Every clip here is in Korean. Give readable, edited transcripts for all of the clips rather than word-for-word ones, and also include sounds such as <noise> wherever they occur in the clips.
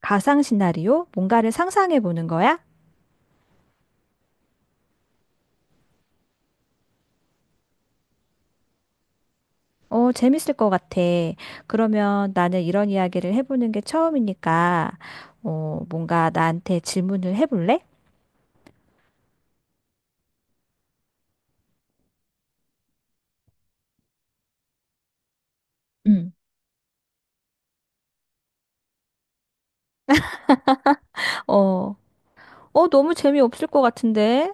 가상 시나리오? 뭔가를 상상해 보는 거야? 재밌을 것 같아. 그러면 나는 이런 이야기를 해보는 게 처음이니까, 뭔가 나한테 질문을 해볼래? 응. 어, 너무 재미없을 것 같은데?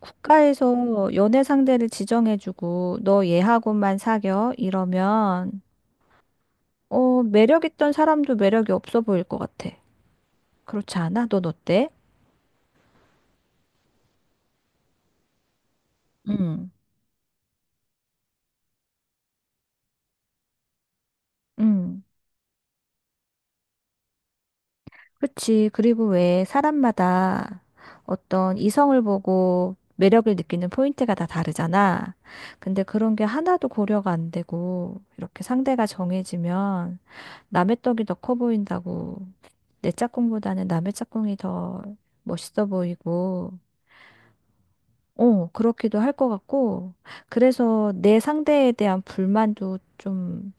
국가에서 연애 상대를 지정해주고, 너 얘하고만 사겨? 이러면, 매력 있던 사람도 매력이 없어 보일 것 같아. 그렇지 않아? 넌 어때? 음. 음. 그치. 그리고 왜 사람마다 어떤 이성을 보고 매력을 느끼는 포인트가 다 다르잖아. 근데 그런 게 하나도 고려가 안 되고, 이렇게 상대가 정해지면 남의 떡이 더 커 보인다고. 내 짝꿍보다는 남의 짝꿍이 더 멋있어 보이고, 어, 그렇기도 할 것 같고, 그래서 내 상대에 대한 불만도 좀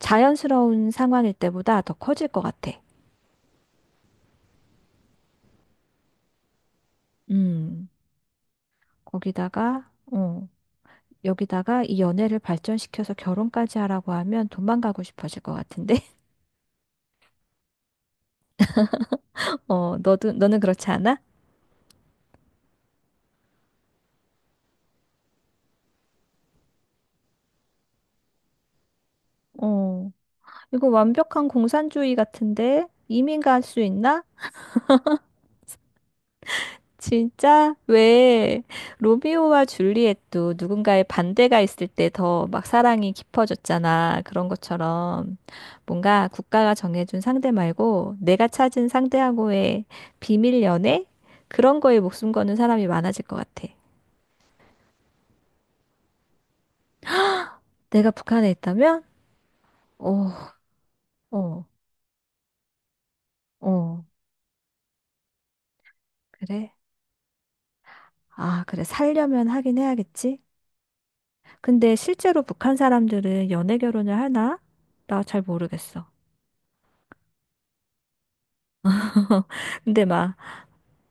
자연스러운 상황일 때보다 더 커질 것 같아. 음, 거기다가, 어. 여기다가 이 연애를 발전시켜서 결혼까지 하라고 하면 도망가고 싶어질 것 같은데? <laughs> 어, 너도, 너는 그렇지 않아? 어, 이거 완벽한 공산주의 같은데? 이민 갈 수 있나? 진짜? 왜? 로미오와 줄리엣도 누군가의 반대가 있을 때 더 막 사랑이 깊어졌잖아. 그런 것처럼 뭔가 국가가 정해준 상대 말고 내가 찾은 상대하고의 비밀 연애? 그런 거에 목숨 거는 사람이 많아질 것 같아. 내가 북한에 있다면? 어, 어, 어, 그래? 아, 그래. 살려면 하긴 해야겠지? 근데 실제로 북한 사람들은 연애 결혼을 하나? 나 잘 모르겠어. <laughs> 근데 막,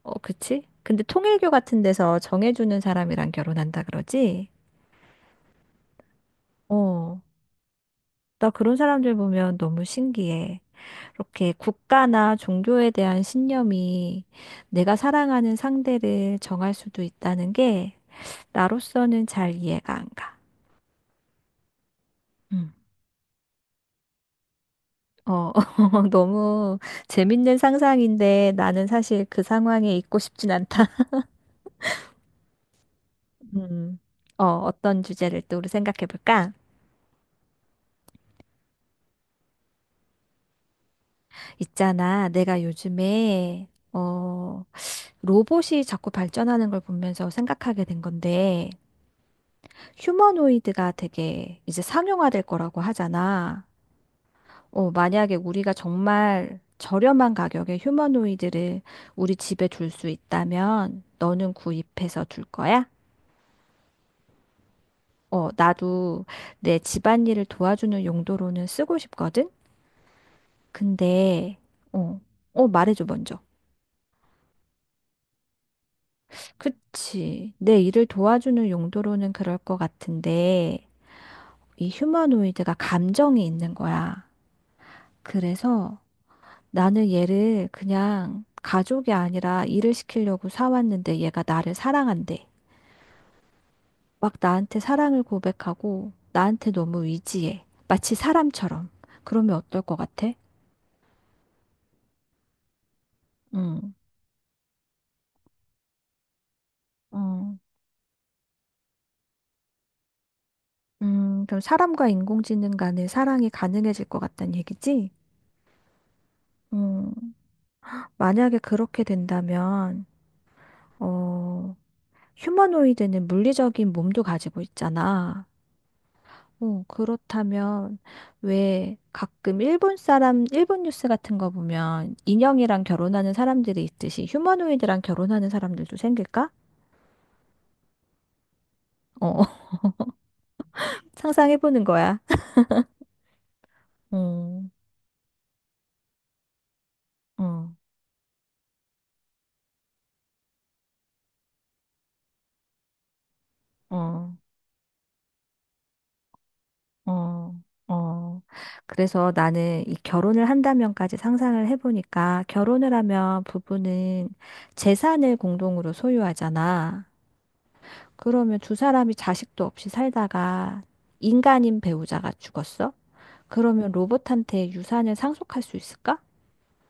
그치? 근데 통일교 같은 데서 정해주는 사람이랑 결혼한다 그러지? 어, 나 그런 사람들 보면 너무 신기해. 이렇게 국가나 종교에 대한 신념이 내가 사랑하는 상대를 정할 수도 있다는 게 나로서는 잘 이해가 안 가. 음. 어, <laughs> 너무 재밌는 상상인데 나는 사실 그 상황에 있고 싶진 않다. <laughs> 음, 어떤 주제를 또 우리 생각해 볼까? 있잖아, 내가 요즘에, 로봇이 자꾸 발전하는 걸 보면서 생각하게 된 건데, 휴머노이드가 되게 이제 상용화될 거라고 하잖아. 만약에 우리가 정말 저렴한 가격에 휴머노이드를 우리 집에 둘 수 있다면, 너는 구입해서 둘 거야? 어, 나도 내 집안일을 도와주는 용도로는 쓰고 싶거든? 근데, 어, 말해줘, 먼저. 그치. 내 일을 도와주는 용도로는 그럴 것 같은데, 이 휴머노이드가 감정이 있는 거야. 그래서 나는 얘를 그냥 가족이 아니라 일을 시키려고 사왔는데 얘가 나를 사랑한대. 막 나한테 사랑을 고백하고 나한테 너무 의지해. 마치 사람처럼. 그러면 어떨 것 같아? 응. 어. 그럼 사람과 인공지능 간의 사랑이 가능해질 것 같다는 얘기지? 음, 만약에 그렇게 된다면, 어, 휴머노이드는 물리적인 몸도 가지고 있잖아. 어, 그렇다면 왜 가끔 일본 사람, 일본 뉴스 같은 거 보면 인형이랑 결혼하는 사람들이 있듯이 휴머노이드랑 결혼하는 사람들도 생길까? 어, <laughs> 상상해보는 거야. 음, 어, 어. 어, 어. 그래서 나는 이 결혼을 한다면까지 상상을 해보니까 결혼을 하면 부부는 재산을 공동으로 소유하잖아. 그러면 두 사람이 자식도 없이 살다가 인간인 배우자가 죽었어? 그러면 로봇한테 유산을 상속할 수 있을까?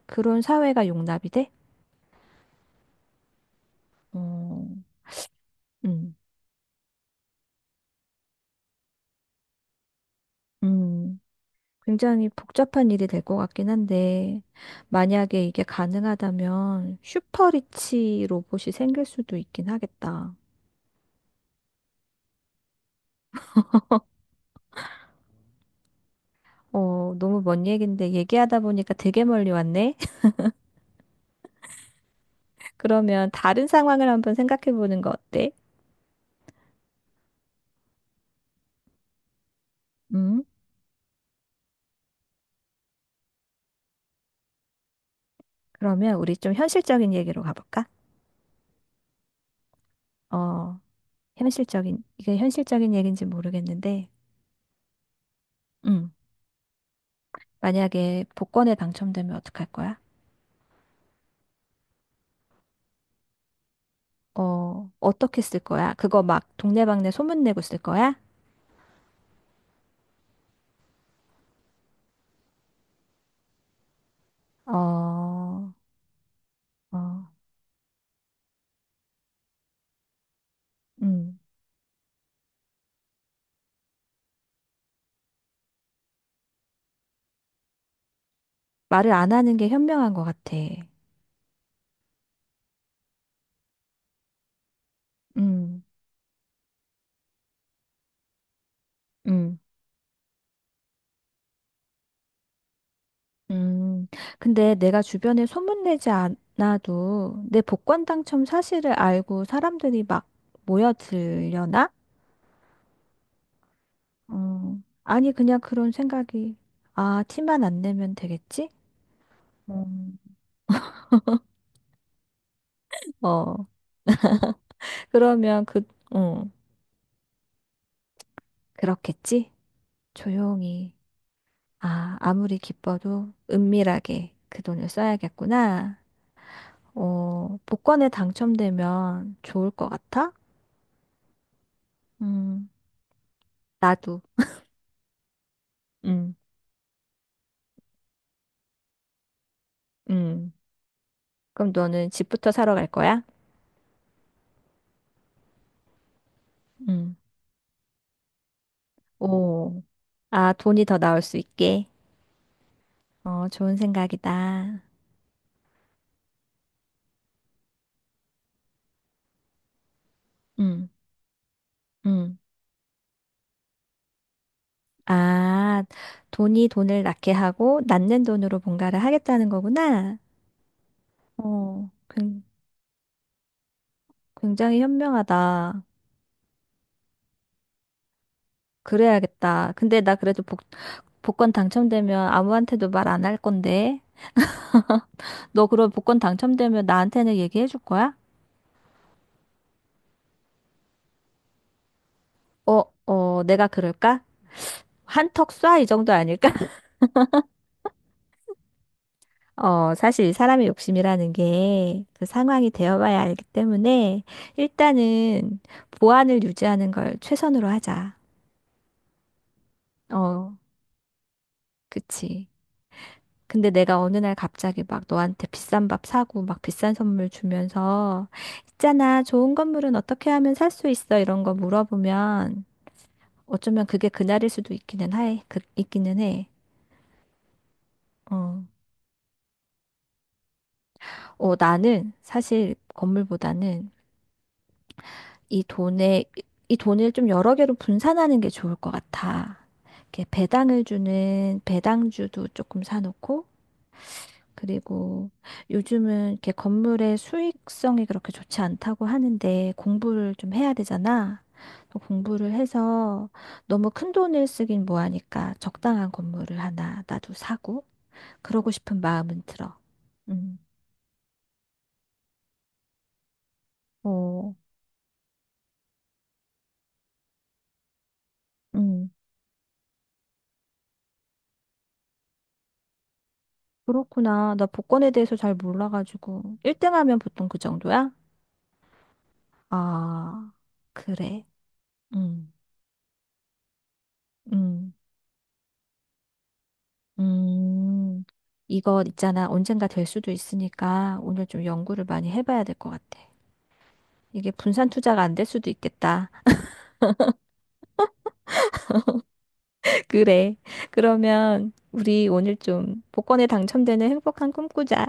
그런 사회가 용납이 돼? 어, 음, 음. 굉장히 복잡한 일이 될 것 같긴 한데, 만약에 이게 가능하다면 슈퍼리치 로봇이 생길 수도 있긴 하겠다. 어, 너무 먼 얘긴데 얘기하다 보니까 되게 멀리 왔네? <laughs> 그러면 다른 상황을 한번 생각해 보는 거 어때? 음? 그러면 우리 좀 현실적인 얘기로 가볼까? 어, 현실적인, 이게 현실적인 얘기인지 모르겠는데, 음, 만약에 복권에 당첨되면 어떡할 거야? 어, 어떻게 쓸 거야? 그거 막 동네방네 소문내고 쓸 거야? 어, 어, 음. 말을 안 하는 게 현명한 것 같아. 음, 음, 음. 근데 내가 주변에 소문내지 않아도 내 복권 당첨 사실을 알고 사람들이 막 모여들려나? 어, 아니, 그냥 그런 생각이, 아, 티만 안 내면 되겠지? 음. 어, 그러면 그, 어 그렇겠지? 조용히. 아, 아무리 기뻐도 은밀하게 그 돈을 써야겠구나. 어, 복권에 당첨되면 좋을 것 같아? 음, 나도. 음, 음. 그럼 너는 집부터 사러 갈 거야? 음. 오. 아, 돈이 더 나올 수 있게. 어, 좋은 생각이다. 음, 음. 아, 돈이 돈을 낳게 하고 낳는 돈으로 뭔가를 하겠다는 거구나. 어, 굉- 굉장히 현명하다. 그래야겠다. 근데 나 그래도 복권 당첨되면 아무한테도 말 안 할 건데. 너 그럼 복권 당첨되면 나한테는 얘기해 줄 거야? 어, 어, 내가 그럴까? 한턱 쏴, 이 정도 아닐까? <laughs> 어, 사실 사람의 욕심이라는 게 그 상황이 되어봐야 알기 때문에 일단은 보안을 유지하는 걸 최선으로 하자. 어, 그치. 근데 내가 어느 날 갑자기 막 너한테 비싼 밥 사고 막 비싼 선물 주면서 있잖아, 좋은 건물은 어떻게 하면 살 수 있어? 이런 거 물어보면 어쩌면 그게 그날일 수도 있기는 해. 그, 있기는 해. 어. 어, 나는 사실 건물보다는 이 돈에, 이 돈을 좀 여러 개로 분산하는 게 좋을 것 같아. 이렇게 배당을 주는 배당주도 조금 사놓고, 그리고 요즘은 이렇게 건물의 수익성이 그렇게 좋지 않다고 하는데 공부를 좀 해야 되잖아. 그래서 공부를 해서 너무 큰 돈을 쓰긴 뭐하니까 적당한 건물을 하나 나도 사고, 그러고 싶은 마음은 들어. 음, 어, 음. 그렇구나. 나 복권에 대해서 잘 몰라가지고. 1등 하면 보통 그 정도야? 아, 그래. 음, 음, 음. 이거 있잖아. 언젠가 될 수도 있으니까 오늘 좀 연구를 많이 해봐야 될 것 같아. 이게 분산 투자가 안 될 수도 있겠다. <laughs> 그래. 그러면 우리 오늘 좀 복권에 당첨되는 행복한 꿈꾸자.